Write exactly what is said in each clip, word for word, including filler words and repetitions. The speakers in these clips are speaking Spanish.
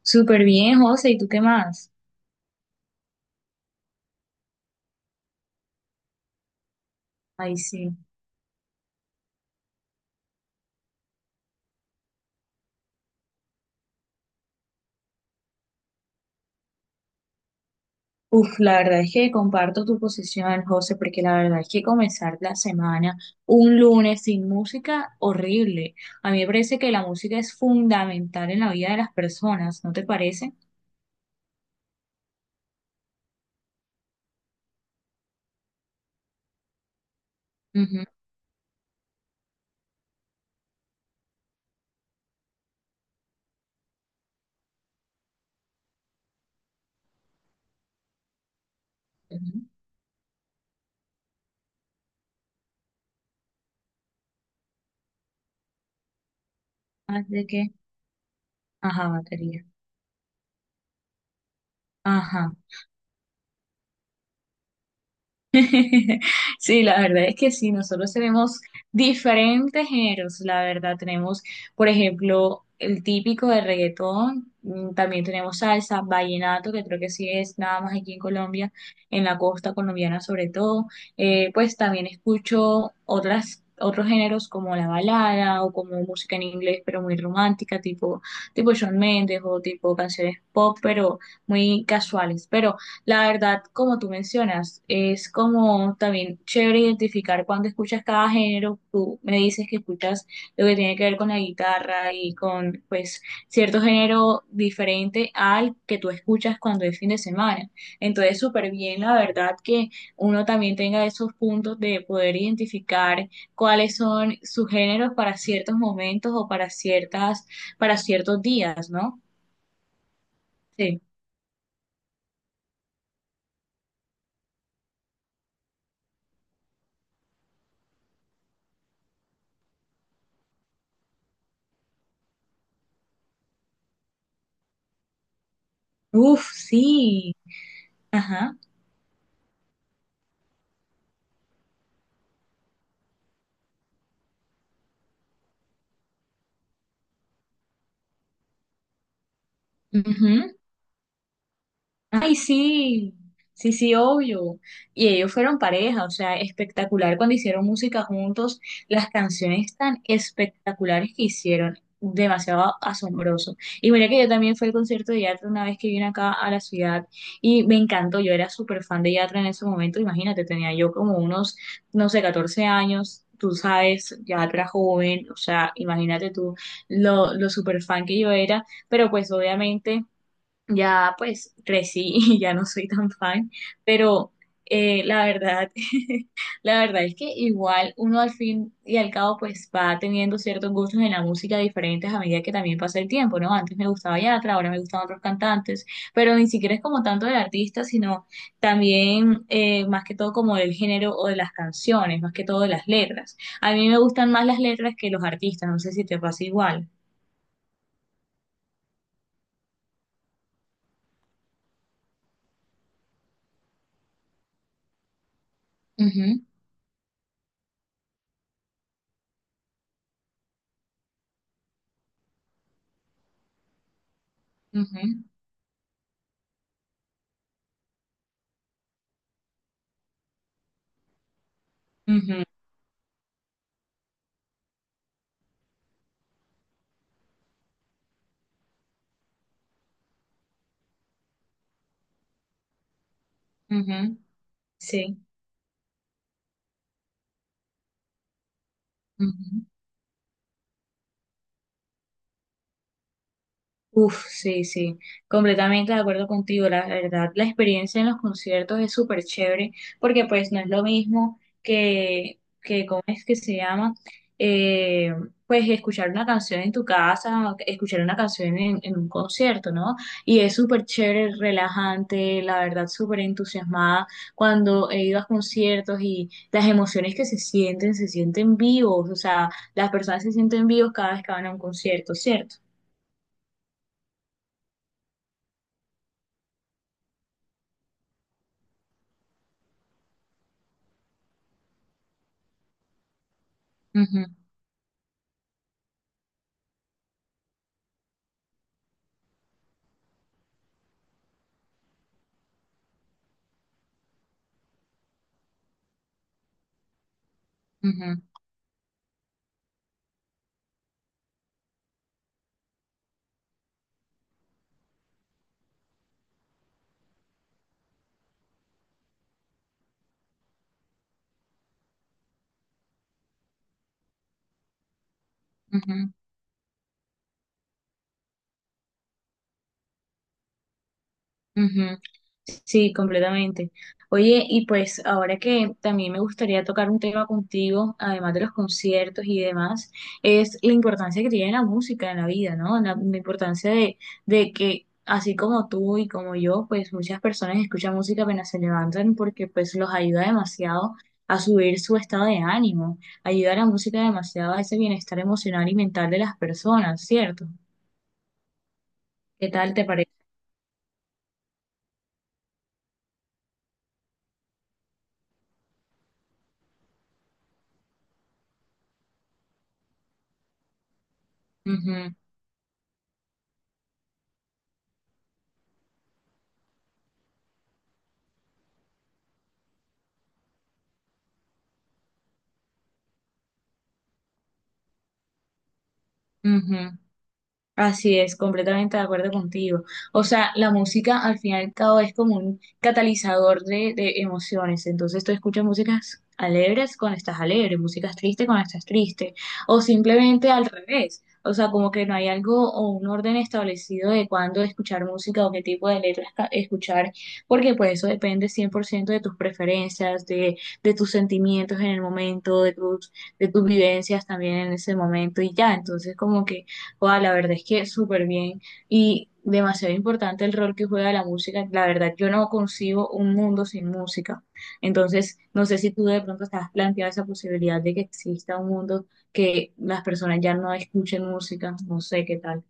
Súper bien, José, ¿y tú qué más? Ay, sí. Uf, la verdad es que comparto tu posición, José, porque la verdad es que comenzar la semana un lunes sin música, horrible. A mí me parece que la música es fundamental en la vida de las personas, ¿no te parece? Ujú, ujú. ¿Más de qué? Ajá, batería. Ajá. Sí, la verdad es que sí, nosotros tenemos diferentes géneros, la verdad tenemos, por ejemplo, el típico de reggaetón, mm, también tenemos salsa, vallenato, que creo que sí es nada más aquí en Colombia, en la costa colombiana sobre todo. Eh, pues también escucho otras, otros géneros como la balada o como música en inglés, pero muy romántica, tipo, tipo Shawn Mendes o tipo canciones pop, pero muy casuales, pero... La verdad, como tú mencionas, es como también chévere identificar cuando escuchas cada género. Tú me dices que escuchas lo que tiene que ver con la guitarra y con pues cierto género diferente al que tú escuchas cuando es fin de semana. Entonces, súper bien, la verdad, que uno también tenga esos puntos de poder identificar cuáles son sus géneros para ciertos momentos o para ciertas, para ciertos días, ¿no? Sí. Uf, sí. Ajá. Ujú. Ay, sí, sí, sí, obvio. Y ellos fueron pareja, o sea, espectacular cuando hicieron música juntos, las canciones tan espectaculares que hicieron, demasiado asombroso. Y mira que yo también fui al concierto de Yatra una vez que vine acá a la ciudad y me encantó, yo era súper fan de Yatra en ese momento, imagínate, tenía yo como unos, no sé, catorce años. Tú sabes, Yatra joven, o sea, imagínate tú lo, lo súper fan que yo era, pero pues obviamente ya pues crecí y ya no soy tan fan, pero eh, la verdad, la verdad es que igual uno al fin y al cabo pues va teniendo ciertos gustos en la música diferentes a medida que también pasa el tiempo, ¿no? Antes me gustaba Yatra, ahora me gustan otros cantantes, pero ni siquiera es como tanto del artista, sino también eh, más que todo como del género o de las canciones, más que todo de las letras. A mí me gustan más las letras que los artistas, no sé si te pasa igual. Ujú, ujú, ujú, ujú, sí. Ujú. Uf, sí, sí, completamente de acuerdo contigo. La verdad, la experiencia en los conciertos es súper chévere porque pues no es lo mismo que, que ¿cómo es que se llama? Eh, pues escuchar una canción en tu casa, o escuchar una canción en, en un concierto, ¿no? Y es súper chévere, relajante, la verdad, súper entusiasmada cuando he ido a conciertos y las emociones que se sienten, se sienten vivos, o sea, las personas se sienten vivos cada vez que van a un concierto, ¿cierto? Ujú. Ujú, ujú, ujú. Sí, completamente. Oye, y pues ahora que también me gustaría tocar un tema contigo, además de los conciertos y demás, es la importancia que tiene la música en la vida, ¿no? La, la importancia de, de que así como tú y como yo, pues muchas personas escuchan música apenas se levantan porque pues los ayuda demasiado a subir su estado de ánimo, ayuda a la música demasiado a ese bienestar emocional y mental de las personas, ¿cierto? ¿Qué tal te parece? Ujú, ujú. Así es, completamente de acuerdo contigo. O sea, la música al fin y al cabo es como un catalizador de, de emociones. Entonces tú escuchas músicas alegres cuando estás alegre, músicas tristes cuando estás triste, o simplemente al revés. O sea, como que no hay algo o un orden establecido de cuándo escuchar música o qué tipo de letras ca- escuchar, porque pues eso depende cien por ciento de tus preferencias, de, de tus sentimientos en el momento, de tus, de tus vivencias también en ese momento y ya. Entonces como que... Wow, la verdad es que súper bien y demasiado importante el rol que juega la música. La verdad, yo no concibo un mundo sin música. Entonces, no sé si tú de pronto estás planteado esa posibilidad de que exista un mundo que las personas ya no escuchen música. No sé qué tal.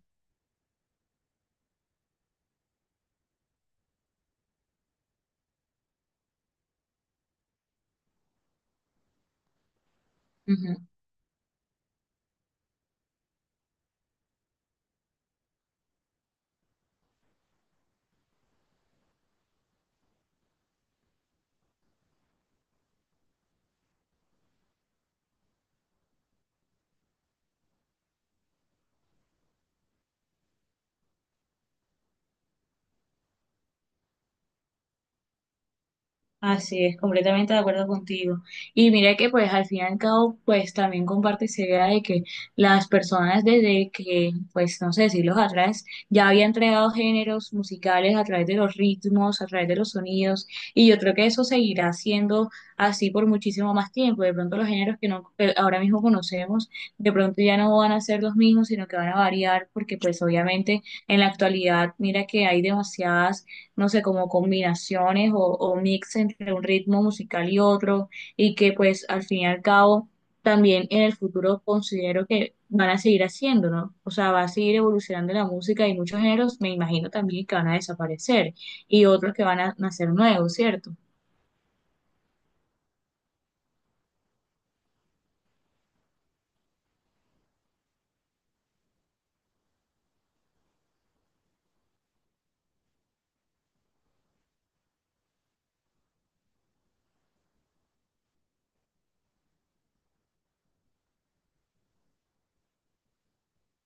Así es, completamente de acuerdo contigo. Y mira que pues al fin y al cabo pues también comparte esa idea de que las personas desde que pues no sé, siglos atrás ya habían creado géneros musicales a través de los ritmos, a través de los sonidos y yo creo que eso seguirá siendo así por muchísimo más tiempo. De pronto los géneros que no que ahora mismo conocemos de pronto ya no van a ser los mismos, sino que van a variar porque pues obviamente en la actualidad mira que hay demasiadas no sé, como combinaciones o, o mix entre un ritmo musical y otro, y que pues al fin y al cabo también en el futuro considero que van a seguir haciendo, ¿no? O sea, va a seguir evolucionando la música y muchos géneros me imagino también que van a desaparecer y otros que van a nacer nuevos, ¿cierto?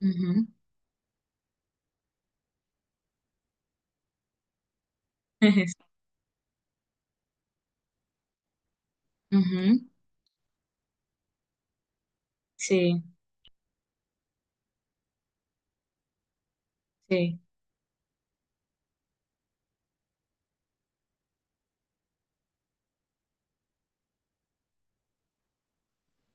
Ujú. Ujú. Sí, sí.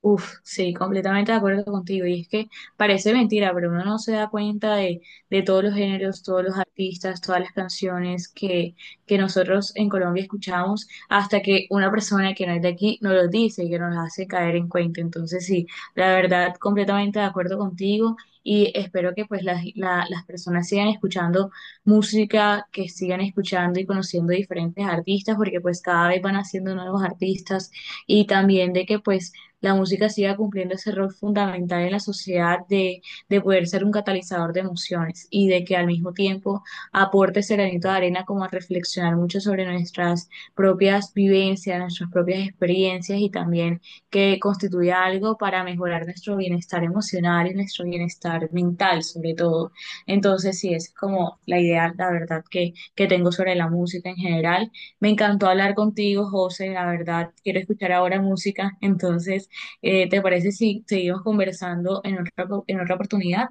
Uf, sí, completamente de acuerdo contigo. Y es que parece mentira, pero uno no se da cuenta de, de todos los géneros, todos los artistas, todas las canciones que, que nosotros en Colombia escuchamos, hasta que una persona que no es de aquí nos los dice y que nos hace caer en cuenta. Entonces, sí, la verdad, completamente de acuerdo contigo. Y espero que pues las, la- las personas sigan escuchando música, que sigan escuchando y conociendo diferentes artistas, porque pues cada vez van haciendo nuevos artistas y también de que pues la música siga cumpliendo ese rol fundamental en la sociedad de, de poder ser un catalizador de emociones y de que al mismo tiempo aporte ese granito de arena como a reflexionar mucho sobre nuestras propias vivencias, nuestras propias experiencias y también que constituya algo para mejorar nuestro bienestar emocional y nuestro bienestar mental sobre todo. Entonces, sí, esa es como la idea, la verdad, que, que tengo sobre la música en general. Me encantó hablar contigo, José, la verdad, quiero escuchar ahora música, entonces... Eh, ¿te parece si seguimos conversando en otra, en otra oportunidad?